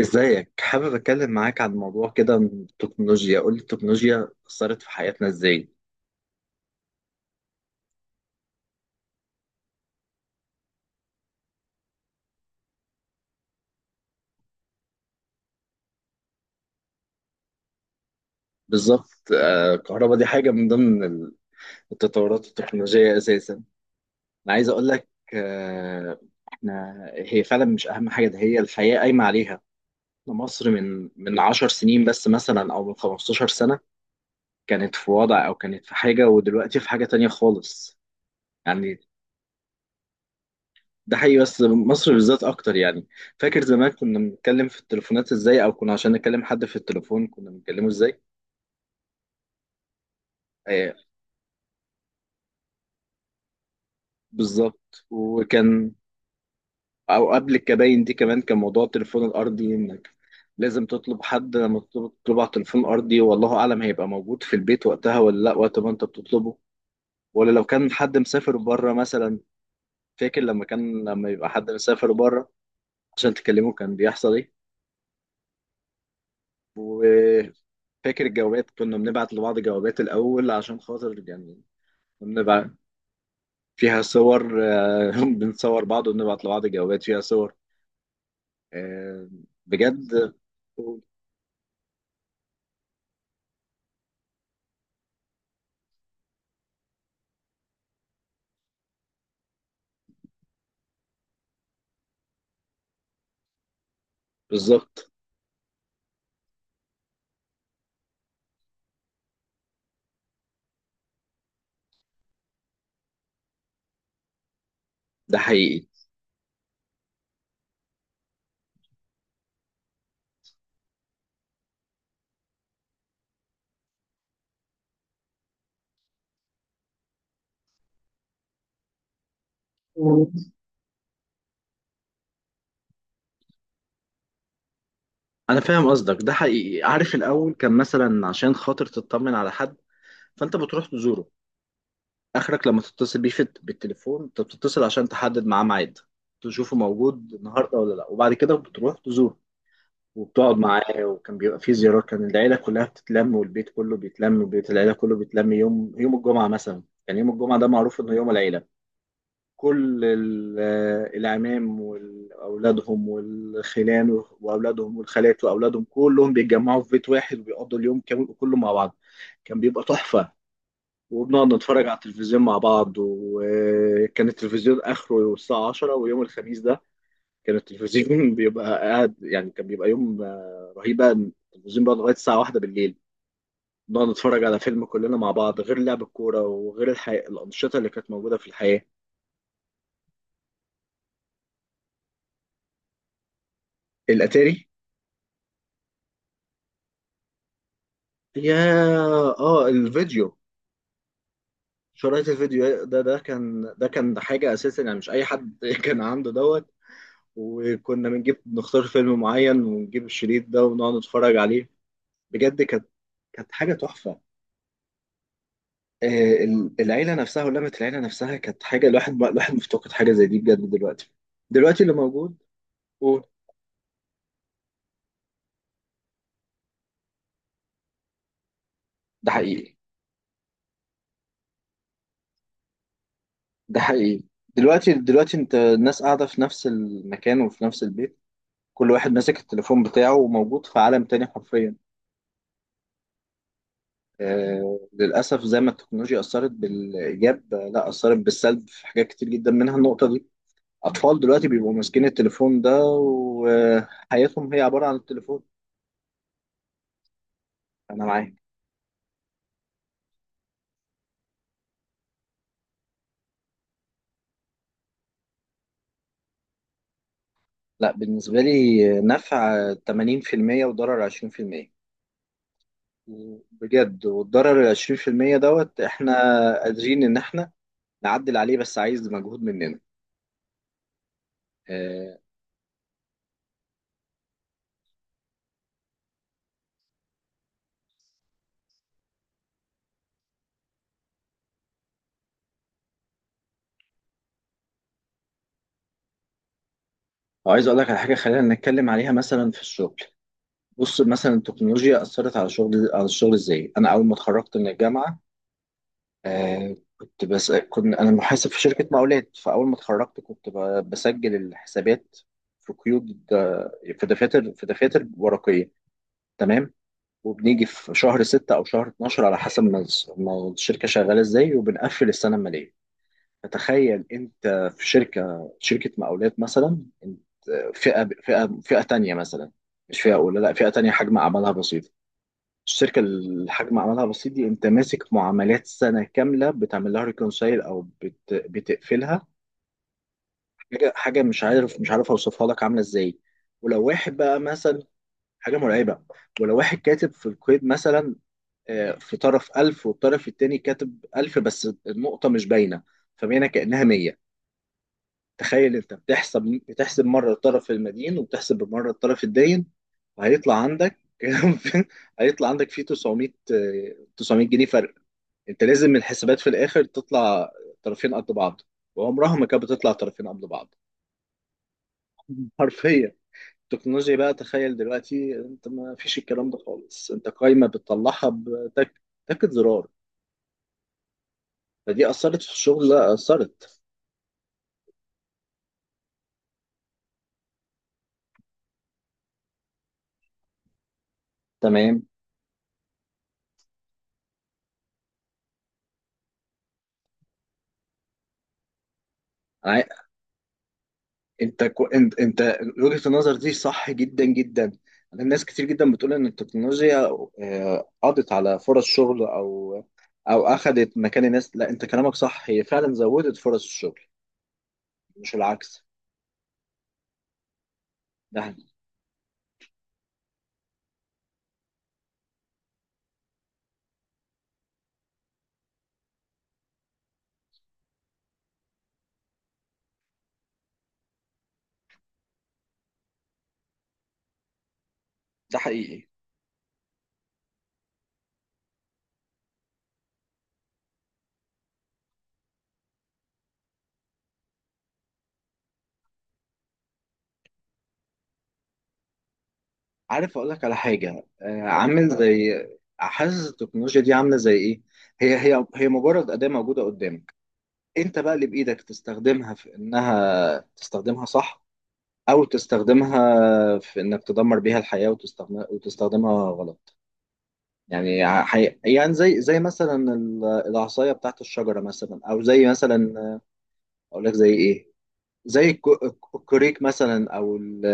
ازيك؟ حابب اتكلم معاك عن موضوع كده من التكنولوجيا. قول لي، التكنولوجيا اثرت في حياتنا ازاي؟ بالظبط الكهرباء دي حاجه من ضمن التطورات التكنولوجيه اساسا. انا عايز اقول لك، آه، احنا هي فعلا مش اهم حاجه، ده هي الحياه قايمه عليها. مصر من 10 سنين بس مثلا او من 15 سنه كانت في وضع، او كانت في حاجه، ودلوقتي في حاجه تانية خالص يعني. ده حقيقي، بس مصر بالذات اكتر يعني. فاكر زمان كنا بنتكلم في التليفونات ازاي؟ او كنا عشان نكلم حد في التليفون كنا بنكلمه ازاي؟ آه بالظبط. وكان او قبل الكباين دي كمان كان موضوع التليفون الارضي، انك لازم تطلب حد، لما تطلب على التليفون ارضي والله اعلم هيبقى موجود في البيت وقتها ولا لا وقت ما انت بتطلبه، ولا لو كان حد مسافر بره مثلا. فاكر لما كان، لما يبقى حد مسافر بره عشان تكلمه كان بيحصل ايه؟ فاكر الجوابات؟ كنا بنبعت لبعض جوابات الأول عشان خاطر يعني بنبعت فيها صور، بنصور بعض وبنبعت لبعض جوابات فيها صور. آه، بجد. بالظبط. ده حقيقي. أنا فاهم قصدك، ده حقيقي. عارف الأول كان مثلا عشان خاطر تطمن على حد فأنت بتروح تزوره. آخرك لما تتصل بيه في بالتليفون أنت بتتصل عشان تحدد معاه ميعاد، تشوفه موجود النهاردة ولا لأ، وبعد كده بتروح تزوره وبتقعد معاه. وكان بيبقى فيه زيارات، كان العيلة كلها بتتلم والبيت كله بيتلم وبيت العيلة كله بيتلم يوم، يوم الجمعة مثلا. كان يوم الجمعة ده معروف إنه يوم العيلة. كل العمام وأولادهم والخلان وأولادهم والخالات وأولادهم كلهم بيتجمعوا في بيت واحد وبيقضوا اليوم كامل كله مع بعض. كان بيبقى تحفة. وبنقعد نتفرج على التلفزيون مع بعض، وكان التلفزيون آخره الساعة 10، ويوم الخميس ده كان التلفزيون بيبقى قاعد يعني، كان بيبقى يوم رهيب بقى. التلفزيون بقى لغايه الساعه واحدة بالليل، نقعد نتفرج على فيلم كلنا مع بعض، غير لعب الكوره وغير الانشطه اللي كانت موجوده في الحياه. الاتاري؟ يا اه، الفيديو. شرايط الفيديو ده، ده كان حاجه اساسا يعني، مش اي حد كان عنده دوت. وكنا بنجيب، نختار فيلم معين ونجيب الشريط ده ونقعد نتفرج عليه. بجد كانت، كانت حاجه تحفه. آه، العيلة نفسها ولمة العيلة نفسها كانت حاجة، الواحد مفتقد حاجة زي دي بجد دلوقتي. دلوقتي اللي موجود، قول. ده حقيقي. ده حقيقي. دلوقتي، دلوقتي انت الناس قاعدة في نفس المكان وفي نفس البيت، كل واحد ماسك التليفون بتاعه وموجود في عالم تاني حرفيا. آه للأسف، زي ما التكنولوجيا أثرت بالإيجاب، لا أثرت بالسلب في حاجات كتير جدا، منها النقطة دي. أطفال دلوقتي بيبقوا ماسكين التليفون ده، وحياتهم هي عبارة عن التليفون. أنا معاك. لا بالنسبة لي نفع 80% وضرر 20%. بجد. والضرر ال 20% دوت، احنا قادرين ان احنا نعدل عليه بس عايز مجهود مننا. اه. وعايز اقول لك على حاجة، خلينا نتكلم عليها مثلا في الشغل. بص مثلا التكنولوجيا اثرت على شغل، على الشغل ازاي؟ انا اول ما اتخرجت من الجامعة، اه كنت، بس كنت انا محاسب في شركة مقاولات، فاول ما اتخرجت كنت بسجل الحسابات في قيود، في دفاتر، في دفاتر ورقية. تمام. وبنيجي في شهر ستة أو شهر 12، على حسب ما ما الشركة شغالة إزاي، وبنقفل السنة المالية. فتخيل أنت في شركة، شركة مقاولات مثلا، أنت فئة تانية مثلا، مش فئة أولى، لا فئة تانية حجم أعمالها بسيط. الشركة اللي حجم أعمالها بسيط دي، أنت ماسك معاملات سنة كاملة بتعمل لها ريكونسايل، أو بتقفلها. حاجة، مش عارف أوصفها لك عاملة إزاي. ولو واحد بقى مثلا، حاجة مرعبة. ولو واحد كاتب في الكويت مثلا، في طرف ألف والطرف التاني كاتب ألف بس النقطة مش باينة، فباينة كأنها مية. تخيل أنت بتحسب، بتحسب مرة الطرف المدين وبتحسب مرة الطرف الداين، وهيطلع عندك هيطلع عندك فيه 900، 900 جنيه فرق. أنت لازم من الحسابات في الآخر تطلع طرفين قد بعض، وعمرها ما كانت بتطلع طرفين قد بعض حرفيا. التكنولوجيا بقى، تخيل دلوقتي انت ما فيش الكلام ده خالص، انت قايمة بتطلعها بتك، تكت زرار. فدي اثرت في الشغل؟ لا، اثرت. تمام. عا- انت انت وجهة النظر دي صح جدا جدا. انا ناس كتير جدا بتقول ان التكنولوجيا قضت على فرص شغل، او او اخذت مكان الناس. لا انت كلامك صح، هي فعلا زودت فرص الشغل مش العكس. ده، ده حقيقي. عارف اقول لك على حاجة؟ عامل زي، حاسس التكنولوجيا دي عاملة زي ايه؟ هي مجرد أداة موجودة قدامك، انت بقى اللي بايدك تستخدمها في انها تستخدمها صح، او تستخدمها في انك تدمر بيها الحياة وتستخدمها، وتستخدمها غلط. يعني يعني زي مثلا العصاية بتاعت الشجرة مثلا، او زي مثلا، اقول لك زي ايه، زي الكوريك مثلا، او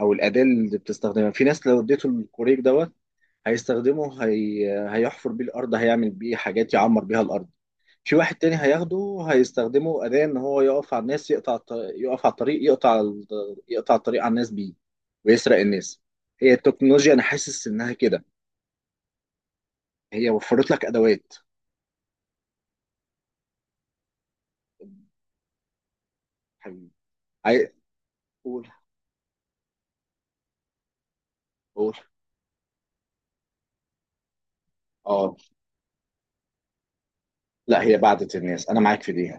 او الأداة اللي بتستخدمها. في ناس لو اديته الكوريك دوت، هيستخدمه هي... هيحفر بيه الارض، هيعمل بيه حاجات يعمر بيها الارض. في واحد تاني هياخده هيستخدمه أداة إن هو يقف على الناس، يقطع يقف على الطريق، يقطع يقطع الطريق على الناس بيه ويسرق الناس. هي التكنولوجيا أنا حاسس إنها كده، هي وفرت لك أدوات. حبيبي، عاي... قول، قول. آه لا، هي بعدت الناس، أنا معاك في دي.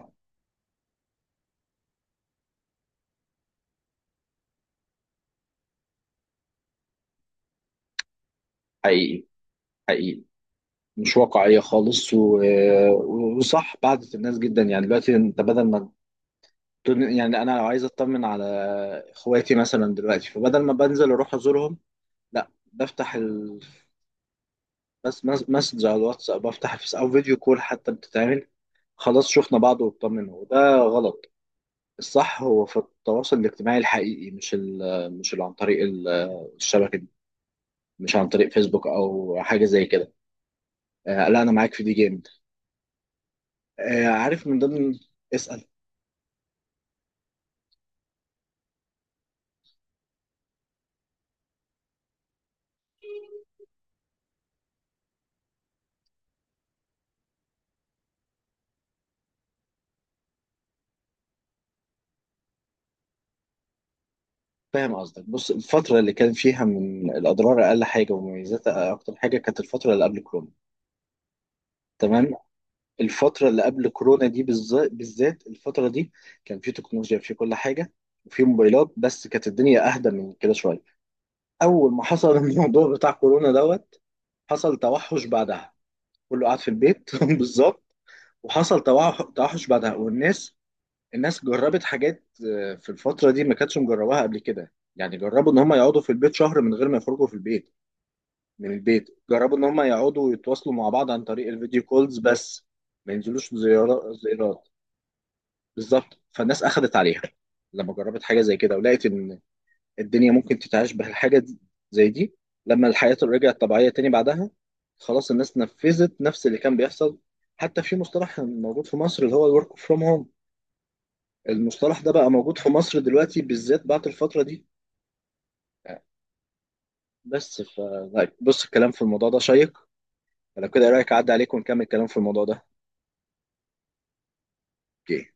حقيقي، حقيقي. مش واقعية خالص و... وصح، بعدت الناس جدا يعني. دلوقتي أنت بدل ما يعني أنا لو عايز أطمن على إخواتي مثلا دلوقتي، فبدل ما بنزل أروح أزورهم، لا بفتح، بس مسج على الواتس، او بفتح في، او فيديو كول حتى بتتعمل. خلاص شفنا بعض واطمنا، وده غلط. الصح هو في التواصل الاجتماعي الحقيقي، مش ال، مش اللي عن طريق الشبكه دي، مش عن طريق فيسبوك او حاجه زي كده. آه لا انا معاك في دي جامد. آه عارف من ضمن. اسال. فاهم قصدك. بص الفتره اللي كان فيها من الاضرار اقل حاجه ومميزاتها اكتر حاجه، كانت الفتره اللي قبل كورونا. تمام. الفترة اللي قبل كورونا دي بالذات، الفترة دي كان في تكنولوجيا في كل حاجة وفي موبايلات، بس كانت الدنيا أهدى من كده شوية. أول ما حصل الموضوع بتاع كورونا دوت، حصل توحش بعدها، كله قاعد في البيت بالظبط. وحصل توحش بعدها، والناس، الناس جربت حاجات في الفترة دي ما كانتش مجرباها قبل كده، يعني جربوا إن هم يقعدوا في البيت شهر من غير ما يخرجوا في البيت، من البيت. جربوا إن هم يقعدوا يتواصلوا مع بعض عن طريق الفيديو كولز بس، ما ينزلوش زيارة، زيارات. بالظبط، فالناس اخذت عليها لما جربت حاجه زي كده ولقيت ان الدنيا ممكن تتعاش زي دي. لما الحياه رجعت طبيعيه تاني بعدها، خلاص الناس نفذت نفس اللي كان بيحصل. حتى في مصطلح موجود في مصر اللي هو الورك فروم هوم، المصطلح ده بقى موجود في مصر دلوقتي بالذات بعد الفتره دي. بس ف لا، بص الكلام في الموضوع ده شيق، لو كده إيه رايك اعدي عليك ونكمل الكلام في الموضوع ده؟ اوكي.